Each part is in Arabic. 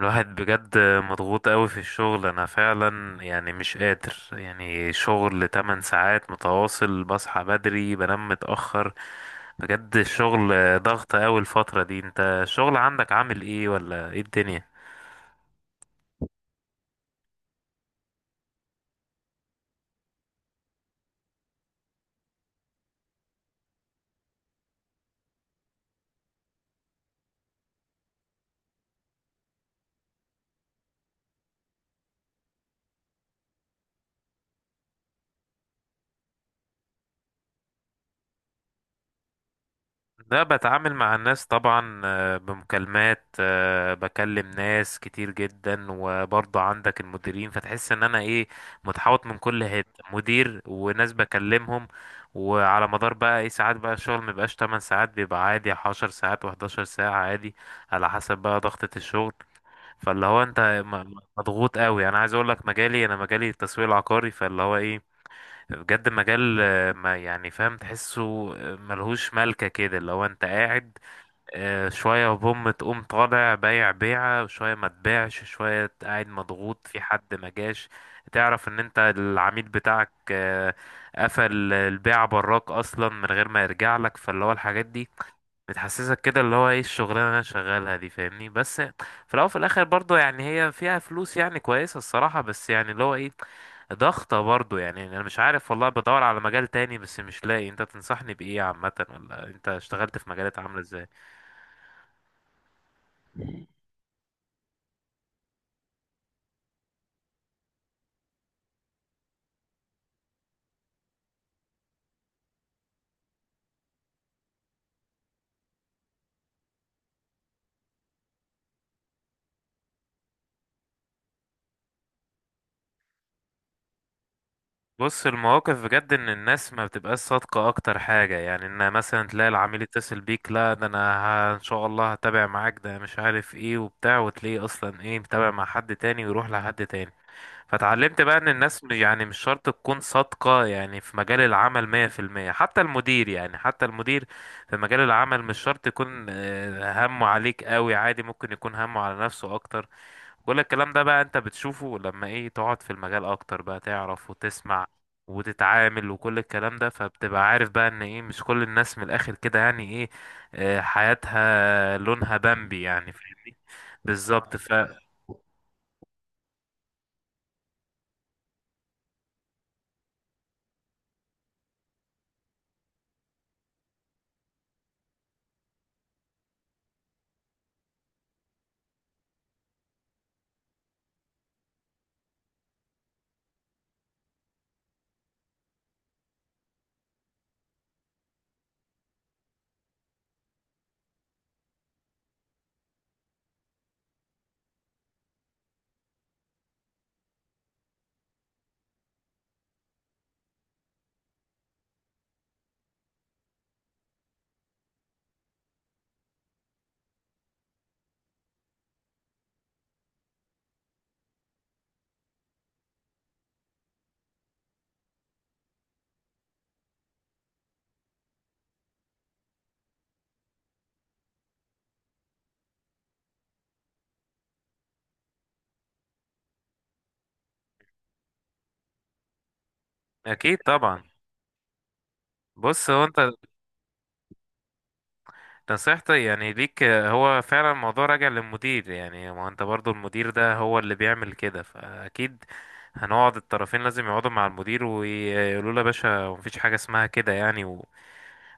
الواحد بجد مضغوط قوي في الشغل، انا فعلا مش قادر. يعني شغل 8 ساعات متواصل، بصحى بدري بنام متأخر. بجد الشغل ضغط قوي الفترة دي. انت الشغل عندك عامل ايه ولا ايه الدنيا؟ لا، بتعامل مع الناس طبعا، بمكالمات، بكلم ناس كتير جدا، وبرضه عندك المديرين، فتحس ان انا ايه، متحوط من كل حتة، مدير وناس بكلمهم. وعلى مدار بقى ايه، ساعات بقى الشغل مبيبقاش 8 ساعات، بيبقى عادي 10 ساعات و11 ساعة عادي، على حسب بقى ضغطة الشغل. فاللي هو انت مضغوط قوي. انا عايز اقول لك مجالي، انا مجالي التسويق العقاري، فاللي هو ايه، بجد مجال، ما يعني فاهم، تحسه ملهوش ملكة كده. لو انت قاعد شوية، بوم تقوم طالع بايع بيعة، شوية ما تبيعش، شوية قاعد مضغوط في حد ما جاش، تعرف ان انت العميل بتاعك قفل البيعة براك اصلا من غير ما يرجع لك. فاللي هو الحاجات دي بتحسسك كده اللي هو ايه الشغلانه اللي انا شغالها دي، فاهمني؟ بس في الاول وفي الاخر برضو يعني هي فيها فلوس يعني كويسه الصراحه، بس يعني اللي هو ايه، ضغطه برضو يعني. يعني انا مش عارف والله، بدور على مجال تاني بس مش لاقي. انت تنصحني بايه عامه؟ ولا انت اشتغلت في مجالات عامله ازاي؟ بص، المواقف بجد ان الناس ما بتبقاش صادقه اكتر حاجه. يعني ان مثلا تلاقي العميل يتصل بيك، لا ده انا ان شاء الله هتابع معاك، ده مش عارف ايه وبتاع، وتلاقيه اصلا ايه، متابع مع حد تاني ويروح لحد تاني. فتعلمت بقى ان الناس يعني مش شرط تكون صادقة يعني في مجال العمل 100%، حتى المدير، يعني حتى المدير في مجال العمل مش شرط يكون همه عليك قوي. عادي، ممكن يكون همه على نفسه اكتر. كل الكلام ده بقى انت بتشوفه لما ايه، تقعد في المجال اكتر بقى تعرف وتسمع وتتعامل، وكل الكلام ده، فبتبقى عارف بقى ان ايه، مش كل الناس من الاخر كده يعني ايه، حياتها لونها بامبي، يعني فاهمني. بالظبط. ف اكيد طبعا. بص، هو انت نصيحتي يعني ليك هو فعلا الموضوع راجع للمدير، يعني ما هو انت برضو المدير ده هو اللي بيعمل كده، فاكيد هنقعد الطرفين، لازم يقعدوا مع المدير ويقولوا له يا باشا، مفيش حاجة اسمها كده يعني،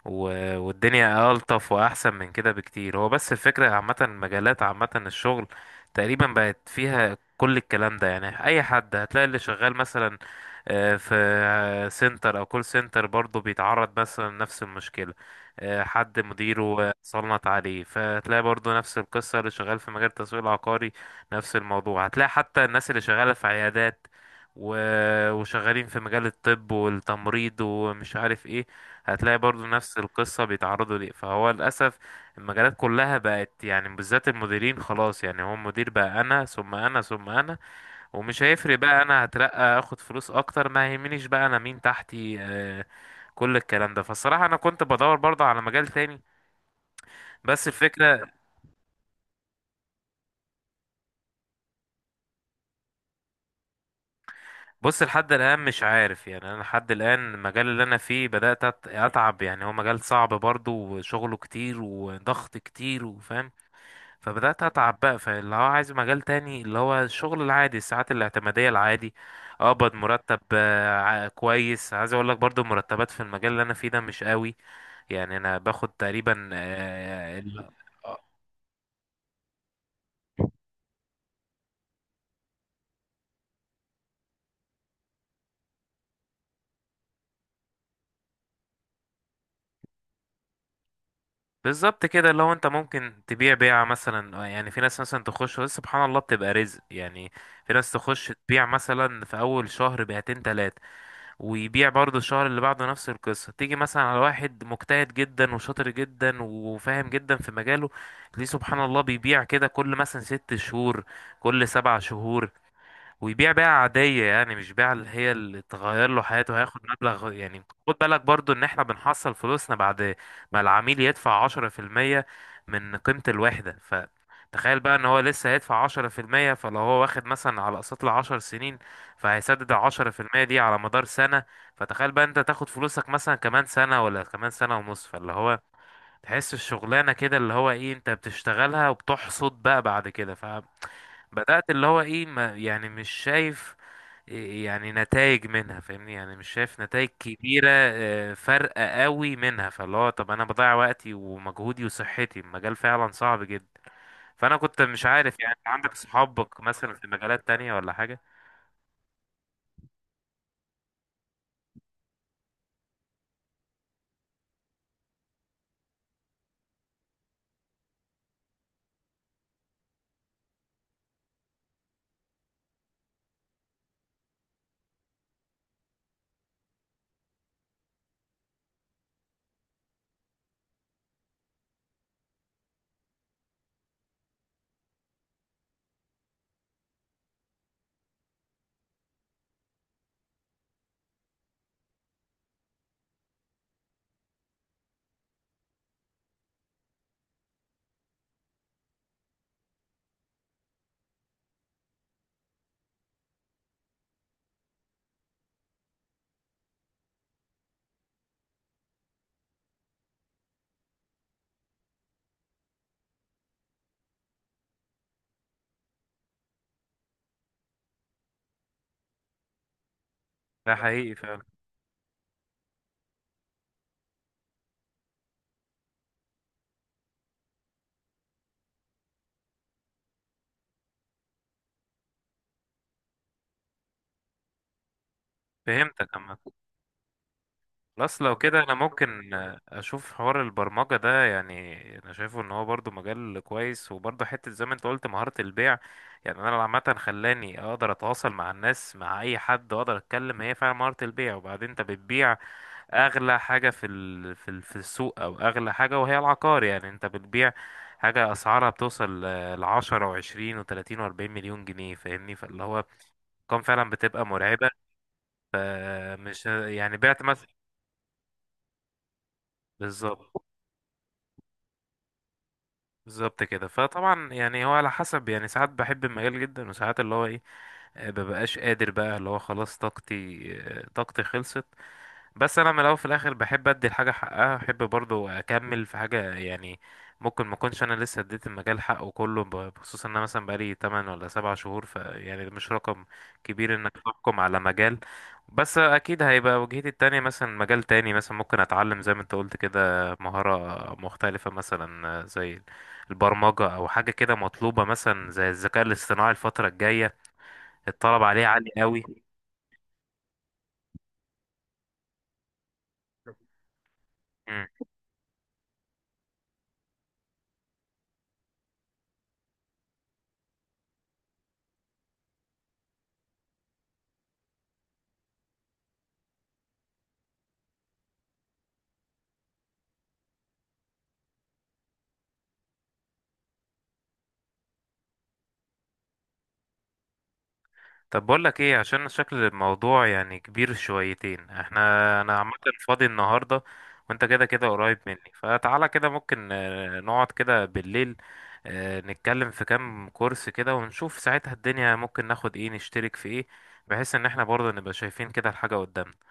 والدنيا ألطف وأحسن من كده بكتير. هو بس الفكرة عامة، مجالات عامة، الشغل تقريبا بقت فيها كل الكلام ده. يعني أي حد هتلاقي اللي شغال مثلا في سنتر أو كول سنتر برضه بيتعرض مثلا لنفس المشكلة، حد مديره صنط عليه. فتلاقي برضه نفس القصة اللي شغال في مجال التسويق العقاري نفس الموضوع. هتلاقي حتى الناس اللي شغالة في عيادات وشغالين في مجال الطب والتمريض ومش عارف ايه، هتلاقي برضو نفس القصة بيتعرضوا ليه. فهو للأسف المجالات كلها بقت يعني بالذات المديرين خلاص، يعني هو المدير بقى أنا ثم أنا ثم أنا، ومش هيفرق بقى، أنا هترقى، أخد فلوس أكتر، ما يهمنيش بقى أنا مين تحتي، آه، كل الكلام ده. فالصراحة أنا كنت بدور برضه على مجال تاني، بس الفكرة، بص، لحد الآن مش عارف. يعني أنا لحد الآن المجال اللي أنا فيه بدأت أتعب، يعني هو مجال صعب برضه وشغله كتير وضغط كتير، وفاهم. فبدأت أتعب بقى، فاللي هو عايز مجال تاني، اللي هو الشغل العادي، الساعات الاعتمادية العادي، أقبض مرتب كويس. عايز أقول لك برضو المرتبات في المجال اللي أنا فيه ده مش قوي، يعني أنا باخد تقريبا اه بالظبط كده. اللي هو انت ممكن تبيع بيعة مثلا يعني في ناس مثلا تخش، ودي سبحان الله بتبقى رزق يعني. في ناس تخش تبيع مثلا في اول شهر بيعتين تلاتة، ويبيع برضه الشهر اللي بعده نفس القصة. تيجي مثلا على واحد مجتهد جدا وشاطر جدا وفاهم جدا في مجاله، ليه سبحان الله بيبيع كده كل مثلا ست شهور، كل سبع شهور. ويبيع بيع عادية، يعني مش بيع اللي هي اللي تغير له حياته. هياخد مبلغ يعني، خد بالك برضو ان احنا بنحصل فلوسنا بعد ما العميل يدفع 10% من قيمة الوحدة. فتخيل بقى ان هو لسه هيدفع 10%، فلو هو واخد مثلا على اقساط لعشر سنين، فهيسدد ال10% دي على مدار سنة. فتخيل بقى انت تاخد فلوسك مثلا كمان سنة ولا كمان سنة ونص. فاللي هو تحس الشغلانة كده اللي هو ايه، انت بتشتغلها وبتحصد بقى بعد كده. بدأت اللي هو ايه، ما يعني مش شايف إيه يعني، نتائج منها فاهمني، يعني مش شايف نتائج كبيرة، فارقة قوي منها. فاللي هو طب انا بضيع وقتي ومجهودي وصحتي، المجال فعلا صعب جدا. فانا كنت مش عارف يعني، عندك صحابك مثلا في مجالات تانية ولا حاجة؟ ده حقيقي فعلا. فهمتك عامة. خلاص لو كده انا ممكن اشوف حوار البرمجة ده يعني. انا شايفه ان هو برضو مجال كويس، وبرضو حتة زي ما انت قلت مهارة البيع يعني. انا عامة خلاني اقدر اتواصل مع الناس، مع اي حد، واقدر اتكلم. هي فعلا مهارة البيع. وبعدين انت بتبيع اغلى حاجة في ال... في ال... في السوق، او اغلى حاجة وهي العقار. يعني انت بتبيع حاجة اسعارها بتوصل ل10 و20 و30 و40 مليون جنيه، فاهمني. فاللي هو كان فعلا بتبقى مرعبة. فمش يعني بعت مثلا. بالظبط، بالظبط كده. فطبعا يعني هو على حسب يعني، ساعات بحب المجال جدا، وساعات اللي هو ايه مببقاش قادر بقى، اللي هو خلاص طاقتي طاقتي خلصت. بس انا من الاول في الاخر بحب ادي الحاجه حقها، بحب برضو اكمل في حاجه يعني. ممكن ما اكونش انا لسه اديت المجال حقه كله بخصوص ان انا مثلا بقالي 8 ولا 7 شهور. ف يعني ده مش رقم كبير انك تحكم على مجال. بس اكيد هيبقى وجهتي التانية مثلا مجال تاني، مثلا ممكن اتعلم زي ما انت قلت كده مهارة مختلفة مثلا، زي البرمجة او حاجة كده مطلوبة، مثلا زي الذكاء الاصطناعي الفترة الجاية، الطلب عليه عالي قوي. مم. طب بقول لك ايه، عشان شكل الموضوع يعني كبير شويتين احنا. انا عامه فاضي النهارده، وانت كده كده قريب مني، فتعالى كده ممكن نقعد كده بالليل، نتكلم في كام كورس كده، ونشوف ساعتها الدنيا ممكن ناخد ايه، نشترك في ايه، بحيث ان احنا برضه نبقى شايفين كده الحاجه قدامنا.